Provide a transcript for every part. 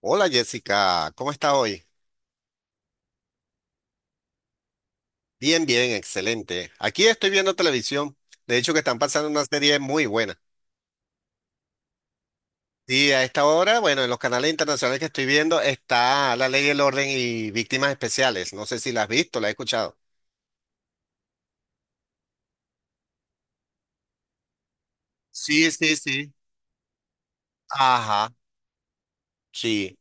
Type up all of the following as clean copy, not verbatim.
Hola Jessica, ¿cómo estás hoy? Bien, bien, excelente. Aquí estoy viendo televisión. De hecho, que están pasando una serie muy buena. Sí, a esta hora, bueno, en los canales internacionales que estoy viendo está La Ley y el Orden y Víctimas Especiales. No sé si la has visto, la has escuchado. Sí, sí, sí. Ajá, sí.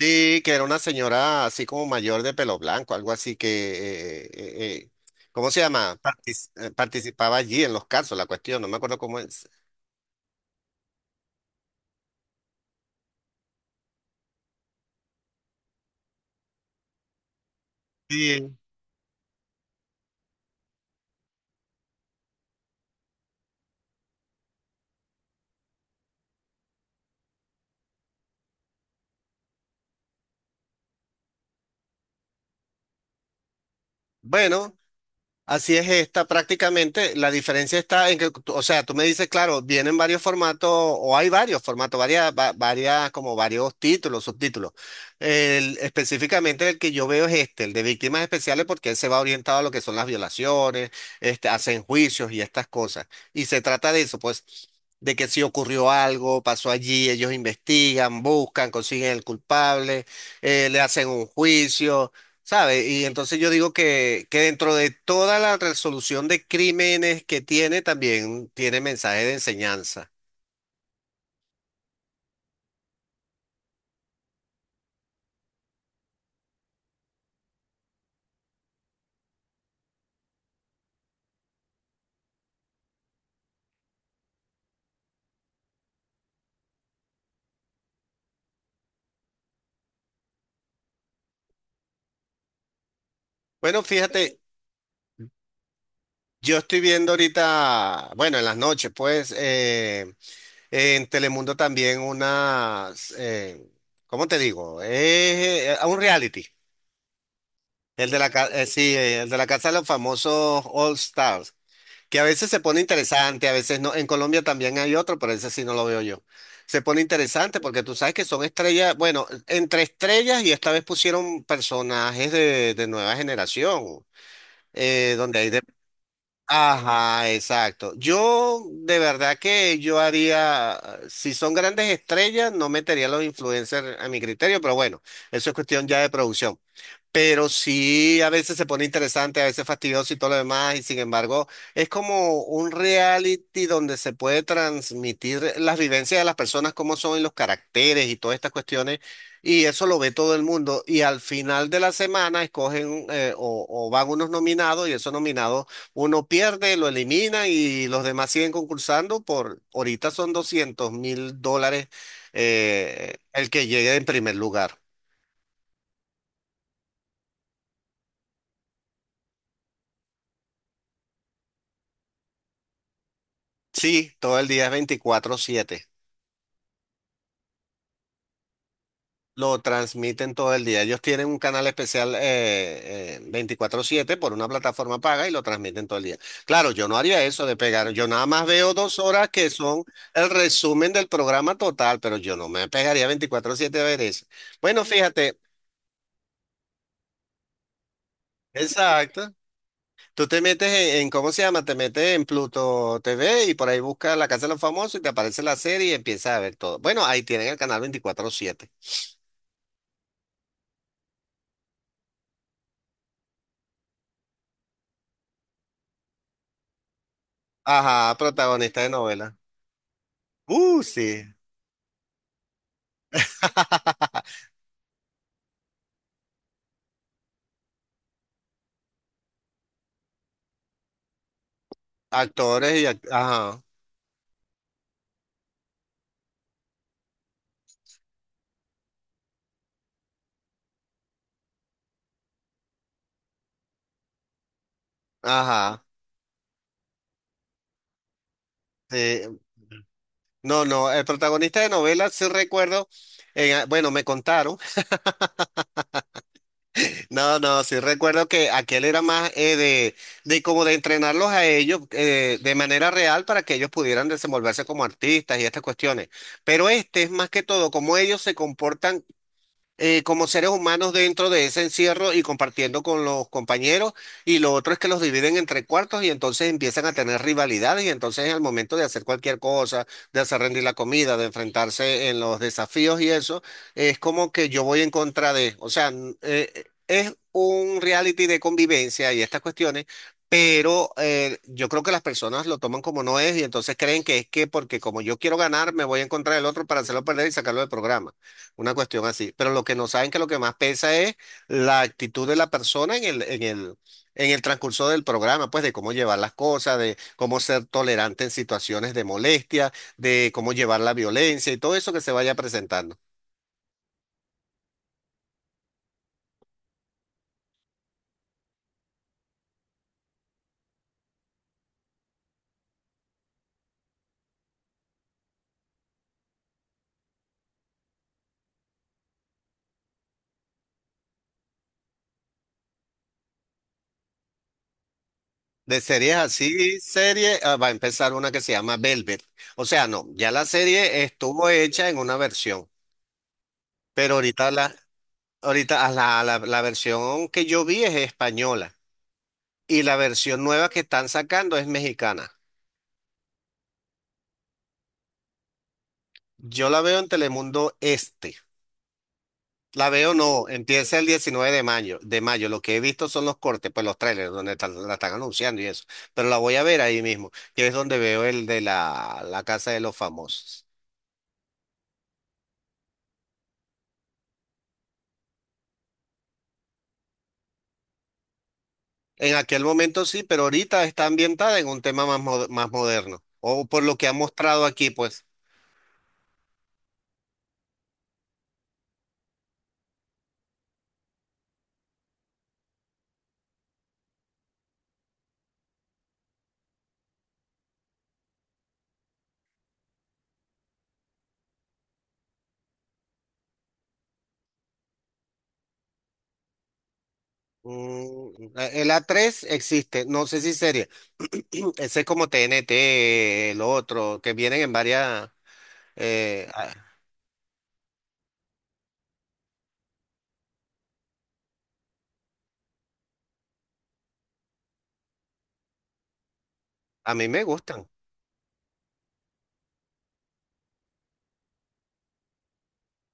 Sí, que era una señora así como mayor de pelo blanco, algo así que, eh, eh, eh, ¿cómo se llama? Participaba allí en los casos, la cuestión, no me acuerdo cómo es. Sí. Bueno, así es esta prácticamente. La diferencia está en que, o sea, tú me dices, claro, vienen varios formatos o hay varios formatos, varias, varias, como varios títulos, subtítulos. Específicamente el que yo veo es este, el de víctimas especiales, porque él se va orientado a lo que son las violaciones, este, hacen juicios y estas cosas. Y se trata de eso, pues, de que si ocurrió algo, pasó allí, ellos investigan, buscan, consiguen el culpable, le hacen un juicio. ¿Sabe? Y entonces yo digo que dentro de toda la resolución de crímenes que tiene, también tiene mensaje de enseñanza. Bueno, fíjate, yo estoy viendo ahorita, bueno, en las noches, pues, en Telemundo también unas. ¿Cómo te digo? Es un reality. El de la, sí, el de la Casa de los Famosos All Stars. Que a veces se pone interesante, a veces no. En Colombia también hay otro, pero ese sí no lo veo yo. Se pone interesante porque tú sabes que son estrellas, bueno, entre estrellas y esta vez pusieron personajes de nueva generación, donde hay de... Ajá, exacto. Yo de verdad que yo haría, si son grandes estrellas, no metería a los influencers a mi criterio, pero bueno, eso es cuestión ya de producción. Pero sí, a veces se pone interesante, a veces fastidioso y todo lo demás, y sin embargo, es como un reality donde se puede transmitir las vivencias de las personas, cómo son y los caracteres y todas estas cuestiones, y eso lo ve todo el mundo. Y al final de la semana escogen o van unos nominados y esos nominados uno pierde, lo elimina y los demás siguen concursando por, ahorita son $200,000, el que llegue en primer lugar. Sí, todo el día es 24/7. Lo transmiten todo el día. Ellos tienen un canal especial 24/7 por una plataforma paga y lo transmiten todo el día. Claro, yo no haría eso de pegar. Yo nada más veo 2 horas que son el resumen del programa total, pero yo no me pegaría 24/7 a ver eso. Bueno, fíjate, exacto. Tú te metes ¿cómo se llama? Te metes en Pluto TV y por ahí buscas La Casa de los Famosos y te aparece la serie y empiezas a ver todo. Bueno, ahí tienen el canal 24/7. Ajá, protagonista de novela. Sí. Actores y ajá, ajá. Sí. No, no, el protagonista de novela sí recuerdo, bueno, me contaron. No, no, sí recuerdo que aquel era más de como de entrenarlos a ellos de manera real para que ellos pudieran desenvolverse como artistas y estas cuestiones. Pero este es más que todo como ellos se comportan, como seres humanos dentro de ese encierro y compartiendo con los compañeros. Y lo otro es que los dividen entre cuartos y entonces empiezan a tener rivalidades y entonces al momento de hacer cualquier cosa, de hacer rendir la comida, de enfrentarse en los desafíos y eso, es como que yo voy en contra de, o sea, es un reality de convivencia y estas cuestiones. Pero yo creo que las personas lo toman como no es y entonces creen que es que porque como yo quiero ganar, me voy en contra del otro para hacerlo perder y sacarlo del programa. Una cuestión así. Pero lo que no saben que lo que más pesa es la actitud de la persona en el transcurso del programa, pues de cómo llevar las cosas, de cómo ser tolerante en situaciones de molestia, de cómo llevar la violencia y todo eso que se vaya presentando. De series así, serie, ah, va a empezar una que se llama Velvet. O sea, no, ya la serie estuvo hecha en una versión, pero ahorita la, ahorita ah, la, la la versión que yo vi es española y la versión nueva que están sacando es mexicana. Yo la veo en Telemundo Este. La veo no, empieza el 19 de mayo, de mayo. Lo que he visto son los cortes, pues los trailers donde la están anunciando y eso. Pero la voy a ver ahí mismo, que es donde veo el de la Casa de los Famosos. En aquel momento sí, pero ahorita está ambientada en un tema más, más moderno. O por lo que ha mostrado aquí, pues. Mm, el a tres existe, no sé si sería. Ese es como TNT, el otro, que vienen en varias... eh, a a mí me gustan.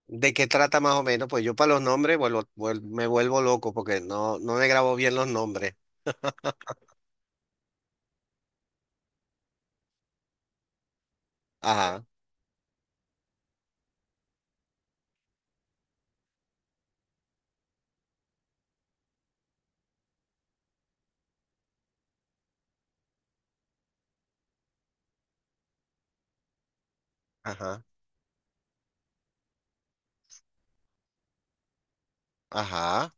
¿De qué trata más o menos? Pues yo para los nombres me vuelvo loco porque no, no me grabo bien los nombres. Ajá, ajá, ajá.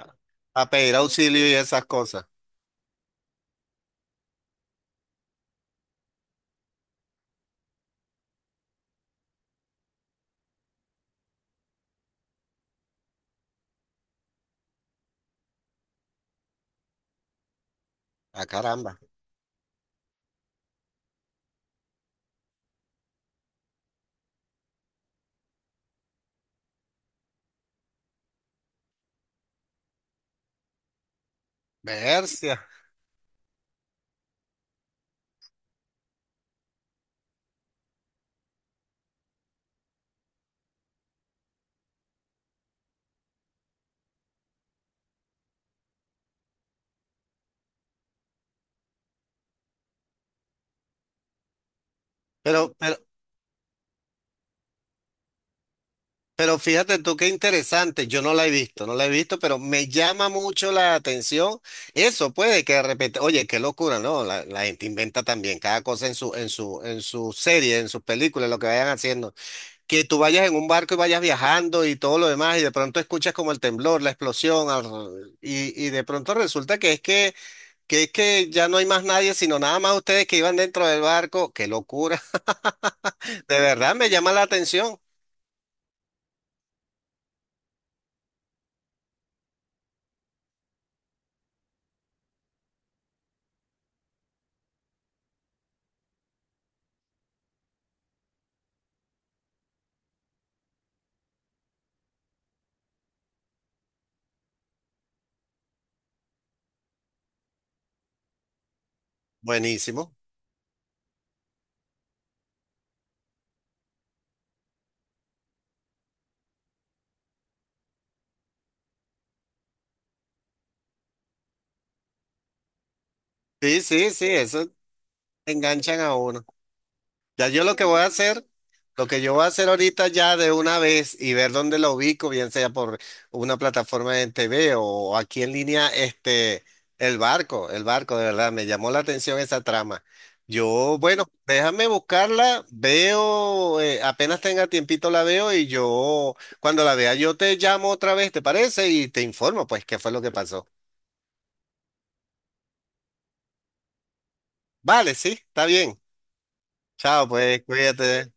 A, a pedir auxilio y esas cosas. ¡A caramba! Versia. Pero, pero, pero fíjate tú qué interesante. Yo no la he visto, no la he visto, pero me llama mucho la atención. Eso puede que de repente, oye, qué locura, ¿no? La gente inventa también cada cosa en su, en su serie, en sus películas, lo que vayan haciendo. Que tú vayas en un barco y vayas viajando y todo lo demás, y de pronto escuchas como el temblor, la explosión, y de pronto resulta que es que ya no hay más nadie, sino nada más ustedes que iban dentro del barco. ¡Qué locura! De verdad me llama la atención. Buenísimo. Sí, sí, sí, eso enganchan a uno. Ya yo lo que voy a hacer. Lo que yo voy a hacer ahorita ya de una vez y ver dónde lo ubico, bien sea por una plataforma en TV o aquí en línea, este, el barco, de verdad, me llamó la atención esa trama. Yo, bueno, déjame buscarla, veo, apenas tenga tiempito la veo y yo, cuando la vea, yo te llamo otra vez, ¿te parece? Y te informo, pues, qué fue lo que pasó. Vale, sí, está bien. Chao, pues, cuídate.